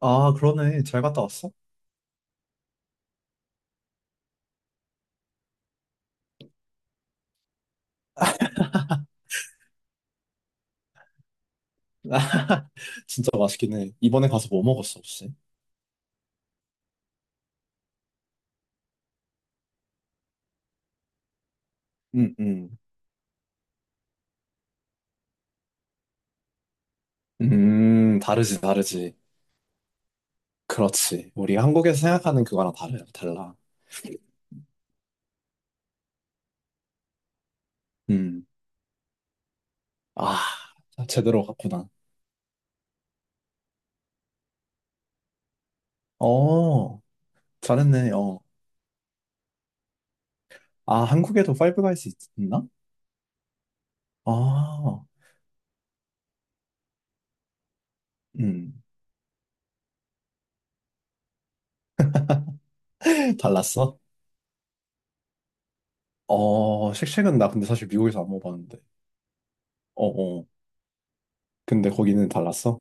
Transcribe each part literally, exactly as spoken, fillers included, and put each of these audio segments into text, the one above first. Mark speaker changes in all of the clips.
Speaker 1: 아, 그러네. 잘 갔다 왔어? 진짜 맛있긴 해. 이번에 가서 뭐 먹었어, 혹시? 음, 음. 음, 다르지, 다르지. 그렇지. 우리 한국에서 생각하는 그거랑 다르, 달라. 음. 아, 제대로 갔구나. 어, 잘했네, 어. 아, 한국에도 파이브 가이스 있- 있나? 아, 음. 달랐어? 어, 쉑쉑은 나 근데 사실 미국에서 안 먹어봤는데. 어, 어. 근데 거기는 달랐어?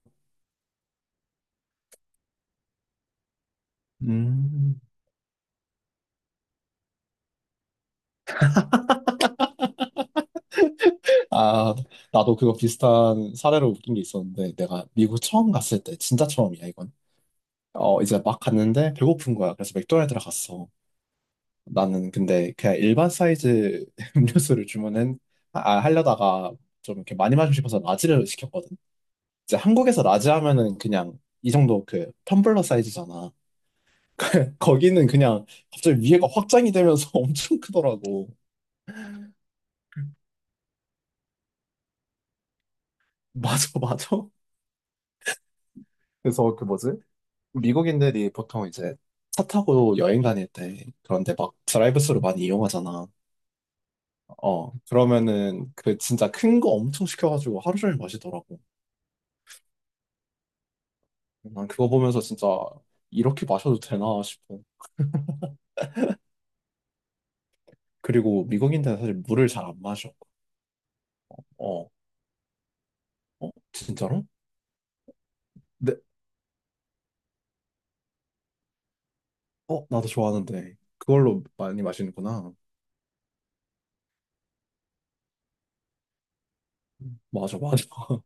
Speaker 1: 음. 아, 나도 그거 비슷한 사례로 웃긴 게 있었는데, 내가 미국 처음 갔을 때, 진짜 처음이야, 이건. 어, 이제 막 갔는데 배고픈 거야. 그래서 맥도날드를 갔어. 나는 근데 그냥 일반 사이즈 음료수를 주문은, 아, 하려다가 좀 이렇게 많이 마시고 싶어서 라지를 시켰거든. 이제 한국에서 라지 하면은 그냥 이 정도 그 텀블러 사이즈잖아. 거기는 그냥 갑자기 위에가 확장이 되면서 엄청 크더라고. 맞아, 맞아. 그래서 그 뭐지? 미국인들이 보통 이제 차 타고 여행 다닐 때 그런데 막 드라이브스루 많이 이용하잖아. 어, 그러면은 그 진짜 큰 거 엄청 시켜가지고 하루 종일 마시더라고. 난 그거 보면서 진짜 이렇게 마셔도 되나 싶어. 그리고 미국인들은 사실 물을 잘 안 마셔. 어, 어, 진짜로? 네, 어, 나도 좋아하는데. 그걸로 많이 마시는구나. 맞아, 맞아.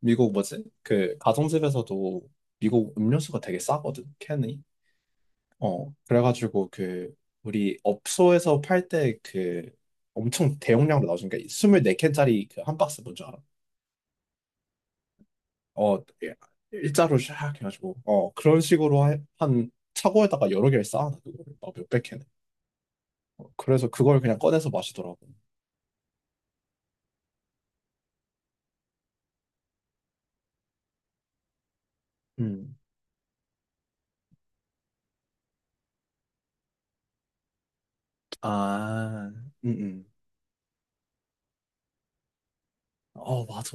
Speaker 1: 미국 뭐지? 그 가정집에서도 미국 음료수가 되게 싸거든, 캔이. 어, 그래가지고 그 우리 업소에서 팔 때 그 엄청 대용량으로 나오는 게 이십사 캔짜리 그 한 박스 뭔지 알아? 어, 예. 일자로 샥 해가지고 어 그런 식으로 하- 한 차고에다가 여러 개를 쌓아놔 그거를 막 몇백 캔을. 어, 그래서 그걸 그냥 꺼내서 마시더라고. 음, 아, 음, 음. 어, 맞아,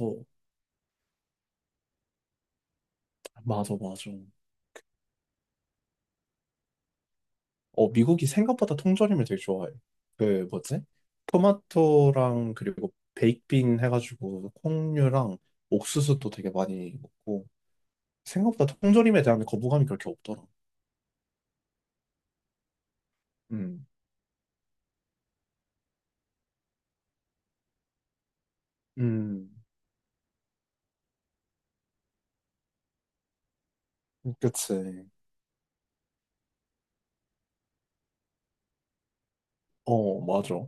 Speaker 1: 맞아, 맞아. 어, 미국이 생각보다 통조림을 되게 좋아해요. 그 뭐지? 토마토랑 그리고 베이크빈 해가지고 콩류랑 옥수수도 되게 많이 먹고 생각보다 통조림에 대한 거부감이 그렇게 없더라. 음, 음, 그치. 어, 맞아.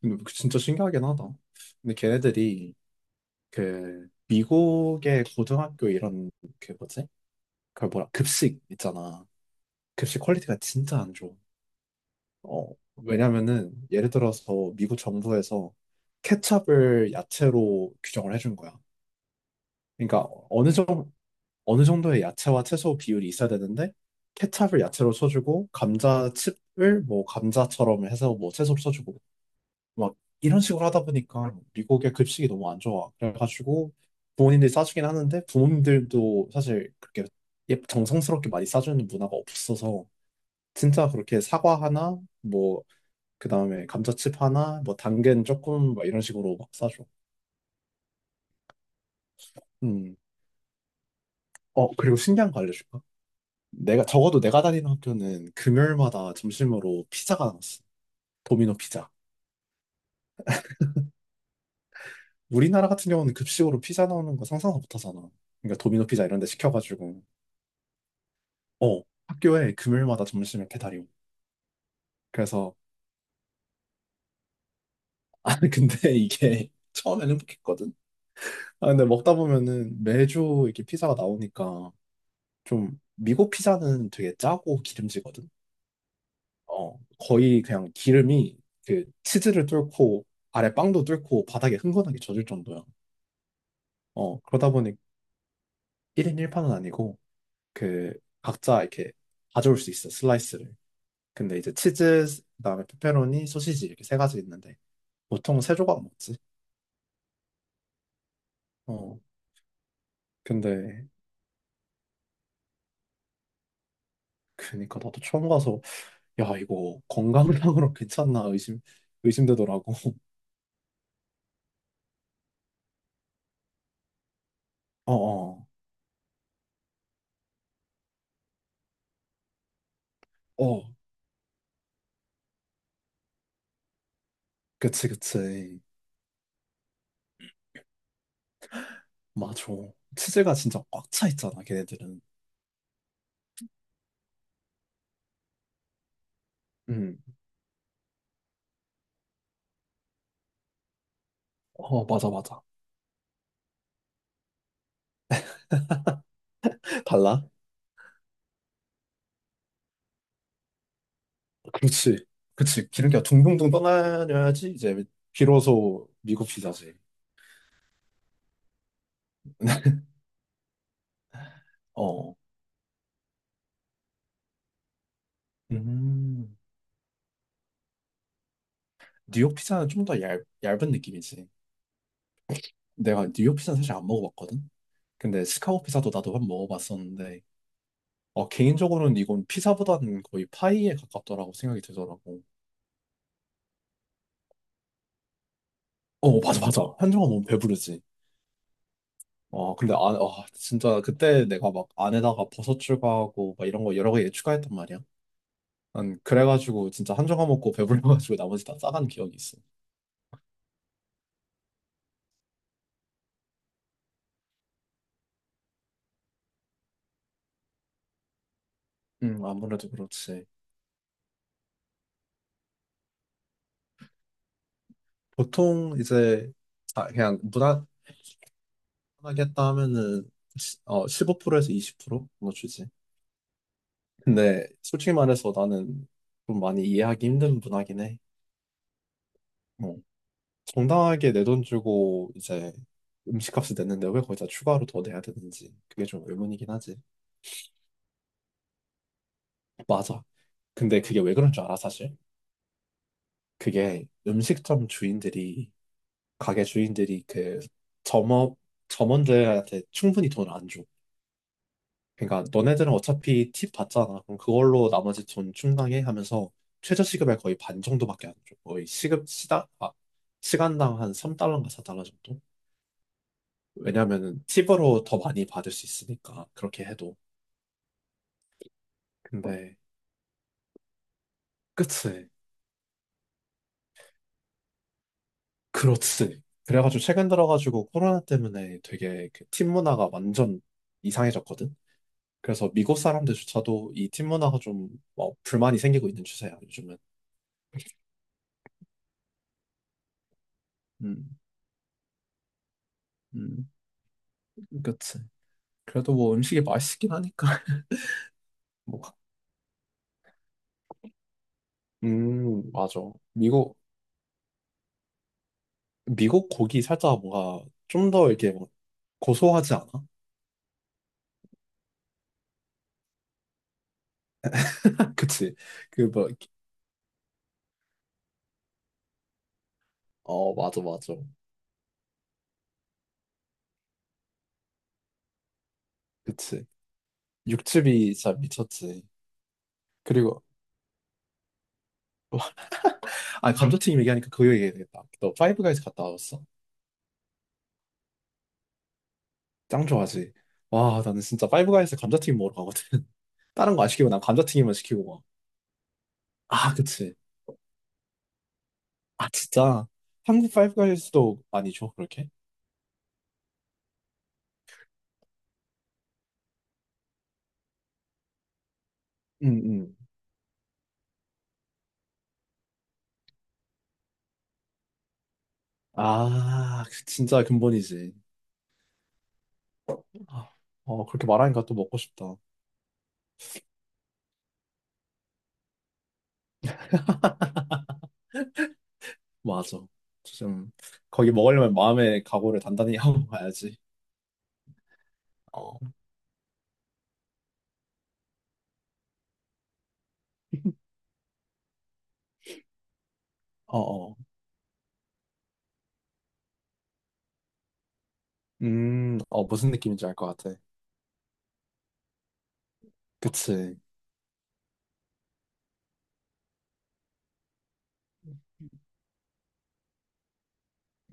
Speaker 1: 근데 그 진짜 신기하긴 하다. 근데 걔네들이 그 미국의 고등학교 이런 그 뭐지? 그 뭐라 급식 있잖아. 급식 퀄리티가 진짜 안 좋아. 어, 왜냐면은 예를 들어서 미국 정부에서 케첩을 야채로 규정을 해준 거야. 그러니까 어느 정도 어느 정도의 야채와 채소 비율이 있어야 되는데 케첩을 야채로 쳐주고 감자칩을 뭐 감자처럼 해서 뭐 채소로 쳐주고 막 이런 식으로 하다 보니까 미국의 급식이 너무 안 좋아. 그래가지고 부모님들이 싸주긴 하는데 부모님들도 사실 그렇게 예- 정성스럽게 많이 싸주는 문화가 없어서 진짜 그렇게 사과 하나 뭐 그 다음에 감자칩 하나, 뭐 당근 조금, 막 이런 식으로 막 싸줘. 음. 어, 그리고 신기한 거 알려줄까? 내가, 적어도 내가 다니는 학교는 금요일마다 점심으로 피자가 나왔어. 도미노 피자. 우리나라 같은 경우는 급식으로 피자 나오는 거 상상도 못 하잖아. 그러니까 도미노 피자 이런 데 시켜가지고, 어, 학교에 금요일마다 점심에 배달이 오. 그래서, 아, 근데 이게 처음엔 행복했거든? 아, 근데 먹다 보면은 매주 이렇게 피자가 나오니까 좀, 미국 피자는 되게 짜고 기름지거든? 어, 거의 그냥 기름이 그 치즈를 뚫고 아래 빵도 뚫고 바닥에 흥건하게 젖을 정도야. 어, 그러다 보니 일 인 일 파는 아니고 그 각자 이렇게 가져올 수 있어, 슬라이스를. 근데 이제 치즈, 그다음에 페페로니, 소시지 이렇게 세 가지 있는데 보통 세 조각 먹지. 어, 근데 그니까 나도 처음 가서 야, 이거 건강상으로 괜찮나 의심 의심되더라고. 어, 어. 어, 그치, 그치. 맞아. 치즈가 진짜 꽉 차 있잖아, 걔네들은. 음, 어, 맞아, 맞아. 달라? 그렇지. 그치. 기름기가 둥둥둥 떠나야지 이제 비로소 미국 피자지. 어. 음, 뉴욕 피자는 좀 더 얇은 느낌이지. 내가 뉴욕 피자는 사실 안 먹어봤거든? 근데 시카고 피자도 나도 한번 먹어봤었는데, 어, 개인적으로는 이건 피자보다는 거의 파이에 가깝더라고 생각이 들더라고. 어, 맞아, 맞아. 한정아 너무 배부르지. 어, 근데 아, 아, 진짜 그때 내가 막 안에다가 버섯 추가하고 막 이런 거 여러 가지 추가했단 말이야. 난 그래가지고 진짜 한 조각 먹고 배불러가지고 나머지 다 싸간 기억이 있어. 음, 아무래도 그렇지. 보통 이제 아, 그냥 무난하게 했다 하면은 시- 어, 십오 프로에서 이십 프로 정도 주지. 근데 솔직히 말해서 나는 좀 많이 이해하기 힘든 문화긴 해. 어, 정당하게 내 돈 주고 이제 음식값을 냈는데 왜 거기다 추가로 더 내야 되는지 그게 좀 의문이긴 하지. 맞아. 근데 그게 왜 그런 줄 알아 사실? 그게 음식점 주인들이 가게 주인들이 그 점업 점원들한테 충분히 돈을 안 줘. 그러니까 너네들은 어차피 팁 받잖아. 그럼 그걸로 나머지 돈 충당해 하면서 최저 시급의 거의 반 정도밖에 안 줘. 거의 시급 시당 아 시간당 한 삼 달러인가 사 달러 정도? 왜냐면은 팁으로 더 많이 받을 수 있으니까 그렇게 해도. 근데 그치. 그렇지. 그래가지고 최근 들어가지고 코로나 때문에 되게 그 팁 문화가 완전 이상해졌거든. 그래서 미국 사람들조차도 이 팀 문화가 좀 어, 불만이 생기고 있는 추세야, 요즘은. 음, 음, 그치. 그래도 뭐 음식이 맛있긴 하니까. 뭐, 가- 음, 맞아. 미국, 미국 고기 살짝 뭔가 좀 더 이렇게 뭐 고소하지 않아? 그치. 그, 뭐, 이렇게- 어, 맞아, 맞아. 그치. 육즙이 진짜 미쳤지. 그리고, 아, 감자튀김 얘기하니까 그거 얘기해야 되겠다. 너 파이브 가이즈 갔다 왔어? 짱 좋아하지. 와, 나는 진짜 파이브가이즈 감자튀김 먹으러 가거든. 다른 거 안 시키고 난 감자튀김만 시키고 막. 아, 그치. 아, 진짜. 한국 파이브가이즈도 많이 줘, 그렇게? 응, 응. 아, 그 진짜 근본이지. 아, 어, 그렇게 말하니까 또 먹고 싶다. 맞아. 좀, 거기 먹으려면 마음의 각오를 단단히 하고 가야지. 어, 어, 어. 음, 어, 무슨 느낌인지 알 것 같아. 그치.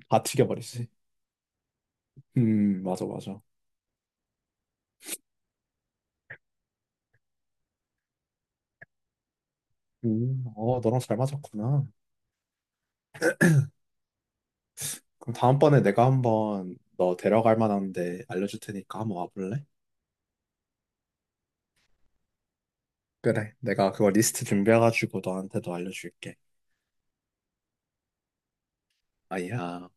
Speaker 1: 다 튀겨버리지. 음, 맞아, 맞아. 음, 어, 너랑 잘 맞았구나. 그럼 다음번에 내가 한번 너 데려갈 만한데 알려줄 테니까 한번 와볼래? 그래, 내가 그거 리스트 준비해가지고 너한테도 알려줄게. 아야.